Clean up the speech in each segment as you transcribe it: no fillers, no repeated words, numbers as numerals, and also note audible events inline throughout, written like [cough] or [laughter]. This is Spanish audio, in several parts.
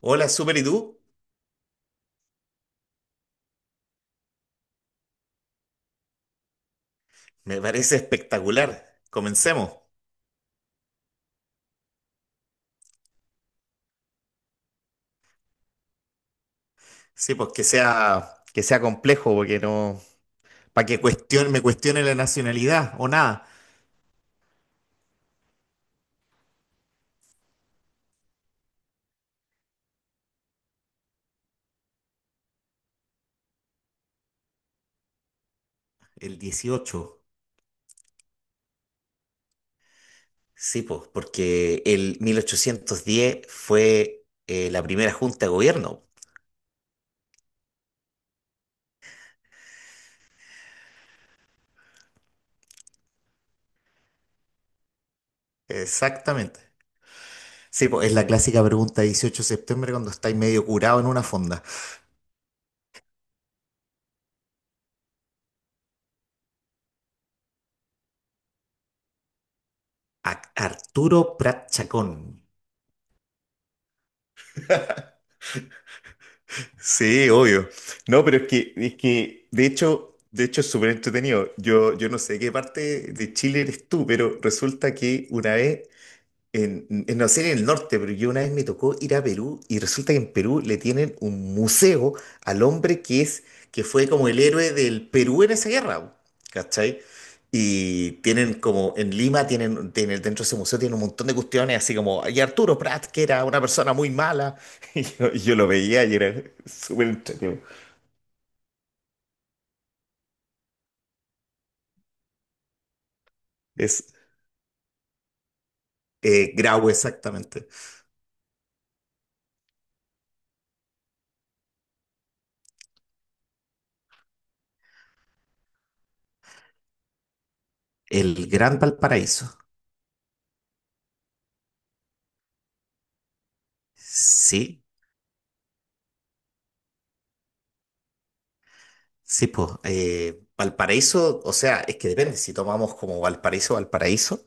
Hola, Super, ¿y tú? Me parece espectacular. Comencemos. Sí, pues que sea complejo, porque no. Para que me cuestione la nacionalidad o nada. El dieciocho. Sí, pues, porque el 1810 fue la primera junta de gobierno. Exactamente. Sí, pues es la clásica pregunta de 18 de septiembre cuando estáis medio curado en una fonda. Arturo Prat Chacón. [laughs] Sí, obvio. No, pero es que de hecho es súper entretenido. Yo no sé qué parte de Chile eres tú, pero resulta que una vez no sé, en el norte, pero yo una vez me tocó ir a Perú, y resulta que en Perú le tienen un museo al hombre que fue como el héroe del Perú en esa guerra, ¿cachai? Y tienen como, en Lima tienen dentro de ese museo tienen un montón de cuestiones, así como, y Arturo Prat, que era una persona muy mala. [laughs] Y yo lo veía y era súper entretenido. Es Grau, exactamente. El Gran Valparaíso. Sí. Sí, pues, Valparaíso, o sea, es que depende. Si tomamos como Valparaíso, Valparaíso,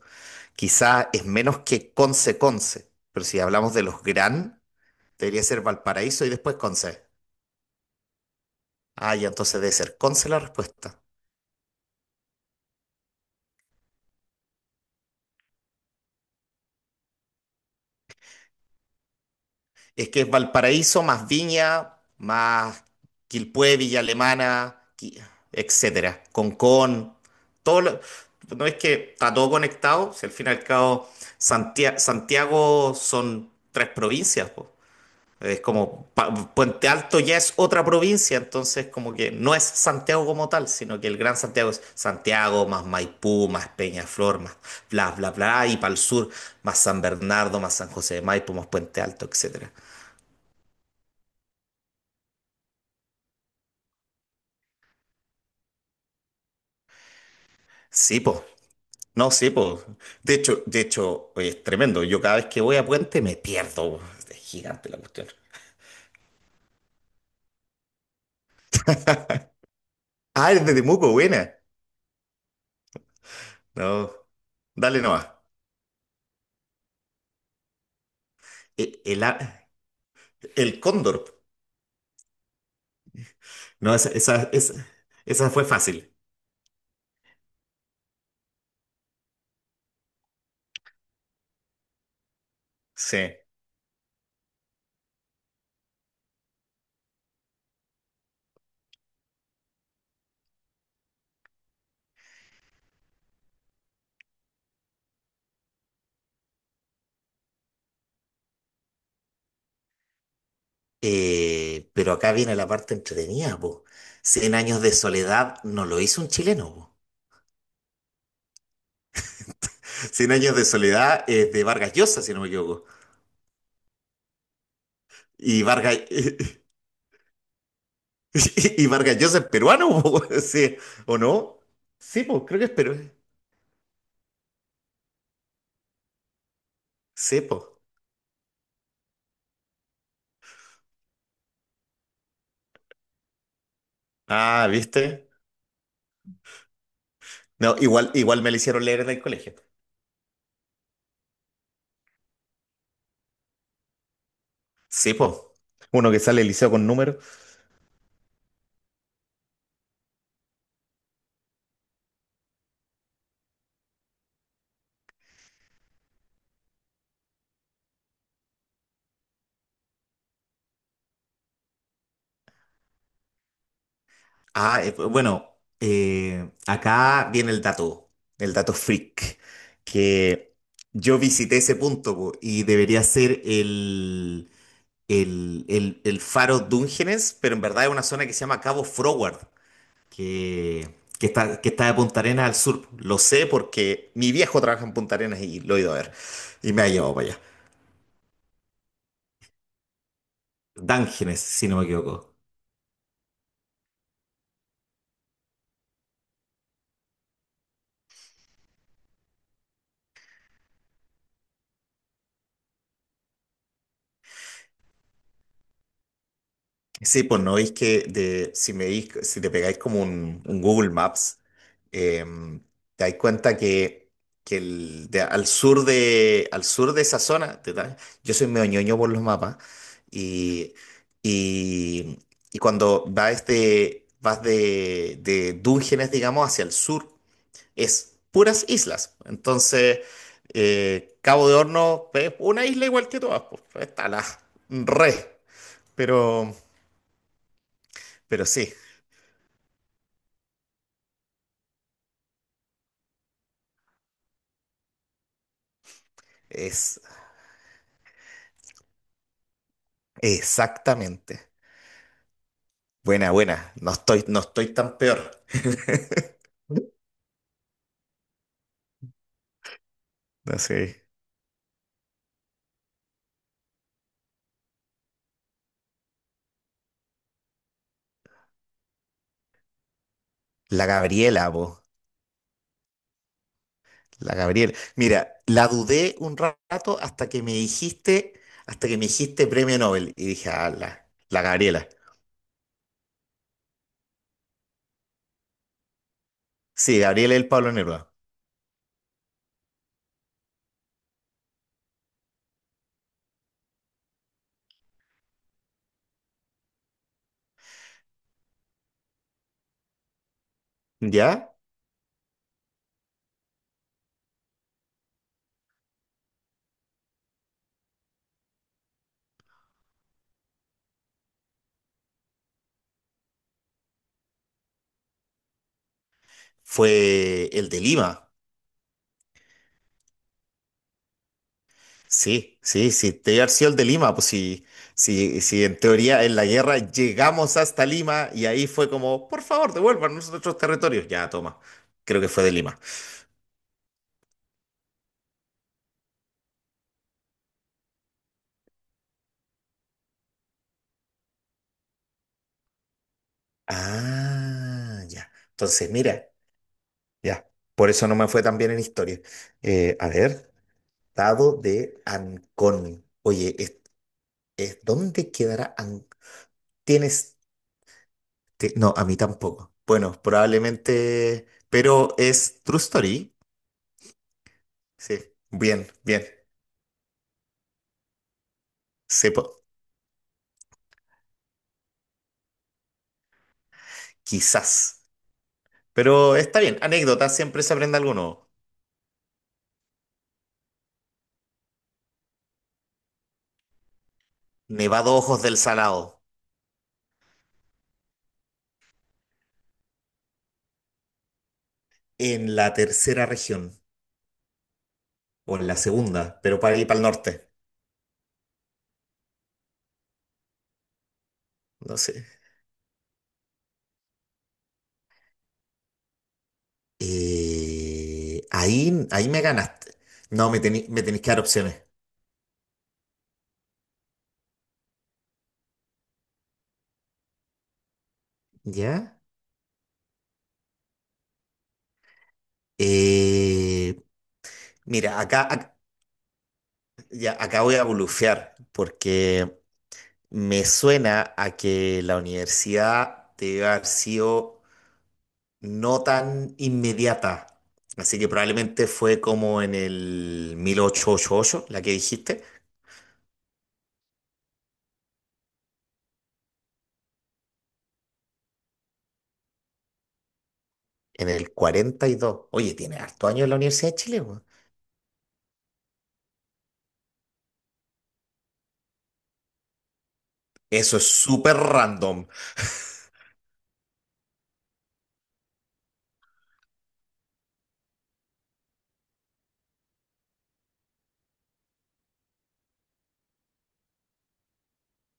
quizá es menos que Conce, Conce, pero si hablamos de los Gran, debería ser Valparaíso y después Conce. Ah, ya, entonces debe ser Conce la respuesta. Es que es Valparaíso más Viña, más Quilpué, Villa Alemana, etcétera, Concón, todo lo- no, es que está todo conectado, si al fin y al cabo Santiago son tres provincias. Es como Puente Alto ya es otra provincia, entonces como que no es Santiago como tal, sino que el Gran Santiago es Santiago más Maipú, más Peñaflor, más bla bla bla, y para el sur más San Bernardo, más San José de Maipo, más Puente Alto, etcétera. Sí, po. No, sí, po. De hecho, oye, es tremendo. Yo cada vez que voy a Puente me pierdo, po. Es gigante la cuestión. Ah, es de Temuco, buena. No, dale nomás. E- El, a- el cóndor. No, esa fue fácil. Sí. Pero acá viene la parte entretenida, po. Cien años de soledad no lo hizo un chileno, po. Cien años de soledad es de Vargas Llosa, si no me equivoco. Y Vargas, [laughs] y Vargas Llosa es peruano, po. [laughs] Sí, ¿o no? Sí, po, creo que es peruano. Sí, po. Ah, ¿viste? No, igual me lo hicieron leer en el colegio. Sí, po. Uno que sale del liceo con números. Ah, bueno, acá viene el dato, freak, que yo visité ese punto, po, y debería ser el faro Dungeness, pero en verdad es una zona que se llama Cabo Froward, que, que está de Punta Arenas al sur. Lo sé porque mi viejo trabaja en Punta Arenas y lo he ido a ver y me ha llevado para allá. Dungeness, si no me equivoco. Sí, pues no veis que de, si me dis- si te pegáis como un Google Maps, em, te dais cuenta que al sur de esa zona, yo soy medio ñoño por los mapas, y, y, y cuando vas de Dungeones, digamos, hacia el sur, es puras islas. Entonces, Cabo de Horno es una isla igual que todas, pues, re, pero... Pero sí. Es Exactamente. Buena, buena. No estoy tan peor. [laughs] No sé. La Gabriela, vos. La Gabriela. Mira, la dudé un rato hasta que me dijiste premio Nobel. Y dije, ah, la Gabriela. Sí, Gabriela y el Pablo Neruda. ¿Ya? Fue el de Lima. Sí, sí, sí, te haber sido el de Lima, pues sí, sí, sí, en teoría en la guerra llegamos hasta Lima y ahí fue como, por favor, devuélvanos nuestros territorios. Ya, toma, creo que fue de Lima. Ah, ya. Entonces, mira, ya, por eso no me fue tan bien en historia. A ver, estado de Ancón. Oye, ¿dónde quedará Ancón? Tienes... No, a mí tampoco. Bueno, probablemente, pero es True Story. Sí, bien, bien. Se po- Quizás. Pero está bien, anécdota, siempre se aprende algo nuevo. Nevado Ojos del Salado, en la tercera región, o en la segunda, pero para ir para el norte. No sé. Ahí me ganaste. No, me tenéis que dar opciones. ¿Ya? Eh, Mira, ya, acá voy a bulufear, porque me suena a que la universidad debe haber sido no tan inmediata. Así que probablemente fue como en el mil ochocientos ochenta y ocho, la que dijiste, en el 42. Oye, tiene harto años en la Universidad de Chile, weón. Eso es súper random.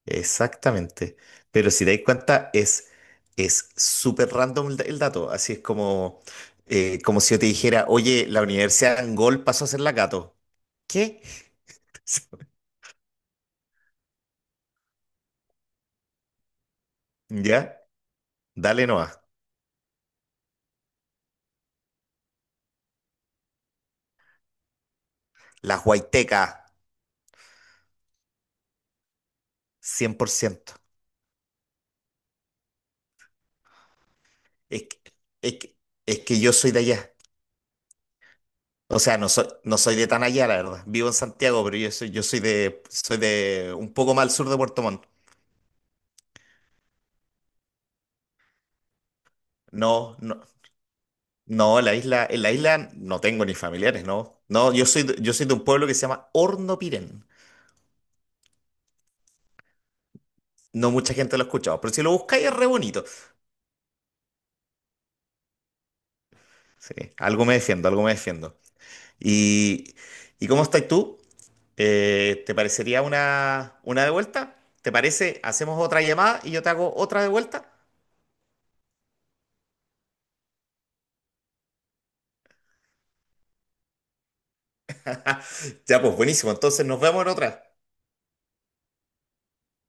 Exactamente. Pero si te das cuenta, es súper random el dato. Así es como, como si yo te dijera, oye, la Universidad de Angol pasó a ser la Cato. ¿Qué? [laughs] ¿Ya? Dale Noah. Las Huaytecas, 100%. Es que, es que, es que yo soy de allá. O sea, no soy de tan allá, la verdad. Vivo en Santiago, pero soy de un poco más al sur de Puerto Montt. No, no, no, en la isla no tengo ni familiares, no. No, yo soy de un pueblo que se llama Hornopiren. No mucha gente lo ha escuchado, pero si lo buscáis es re bonito. Sí, algo me defiendo, algo me defiendo. ¿Y, y ¿cómo estás tú? ¿Te parecería una de vuelta? ¿Te parece? Hacemos otra llamada y yo te hago otra de vuelta. [laughs] Ya, pues buenísimo. Entonces nos vemos en otra.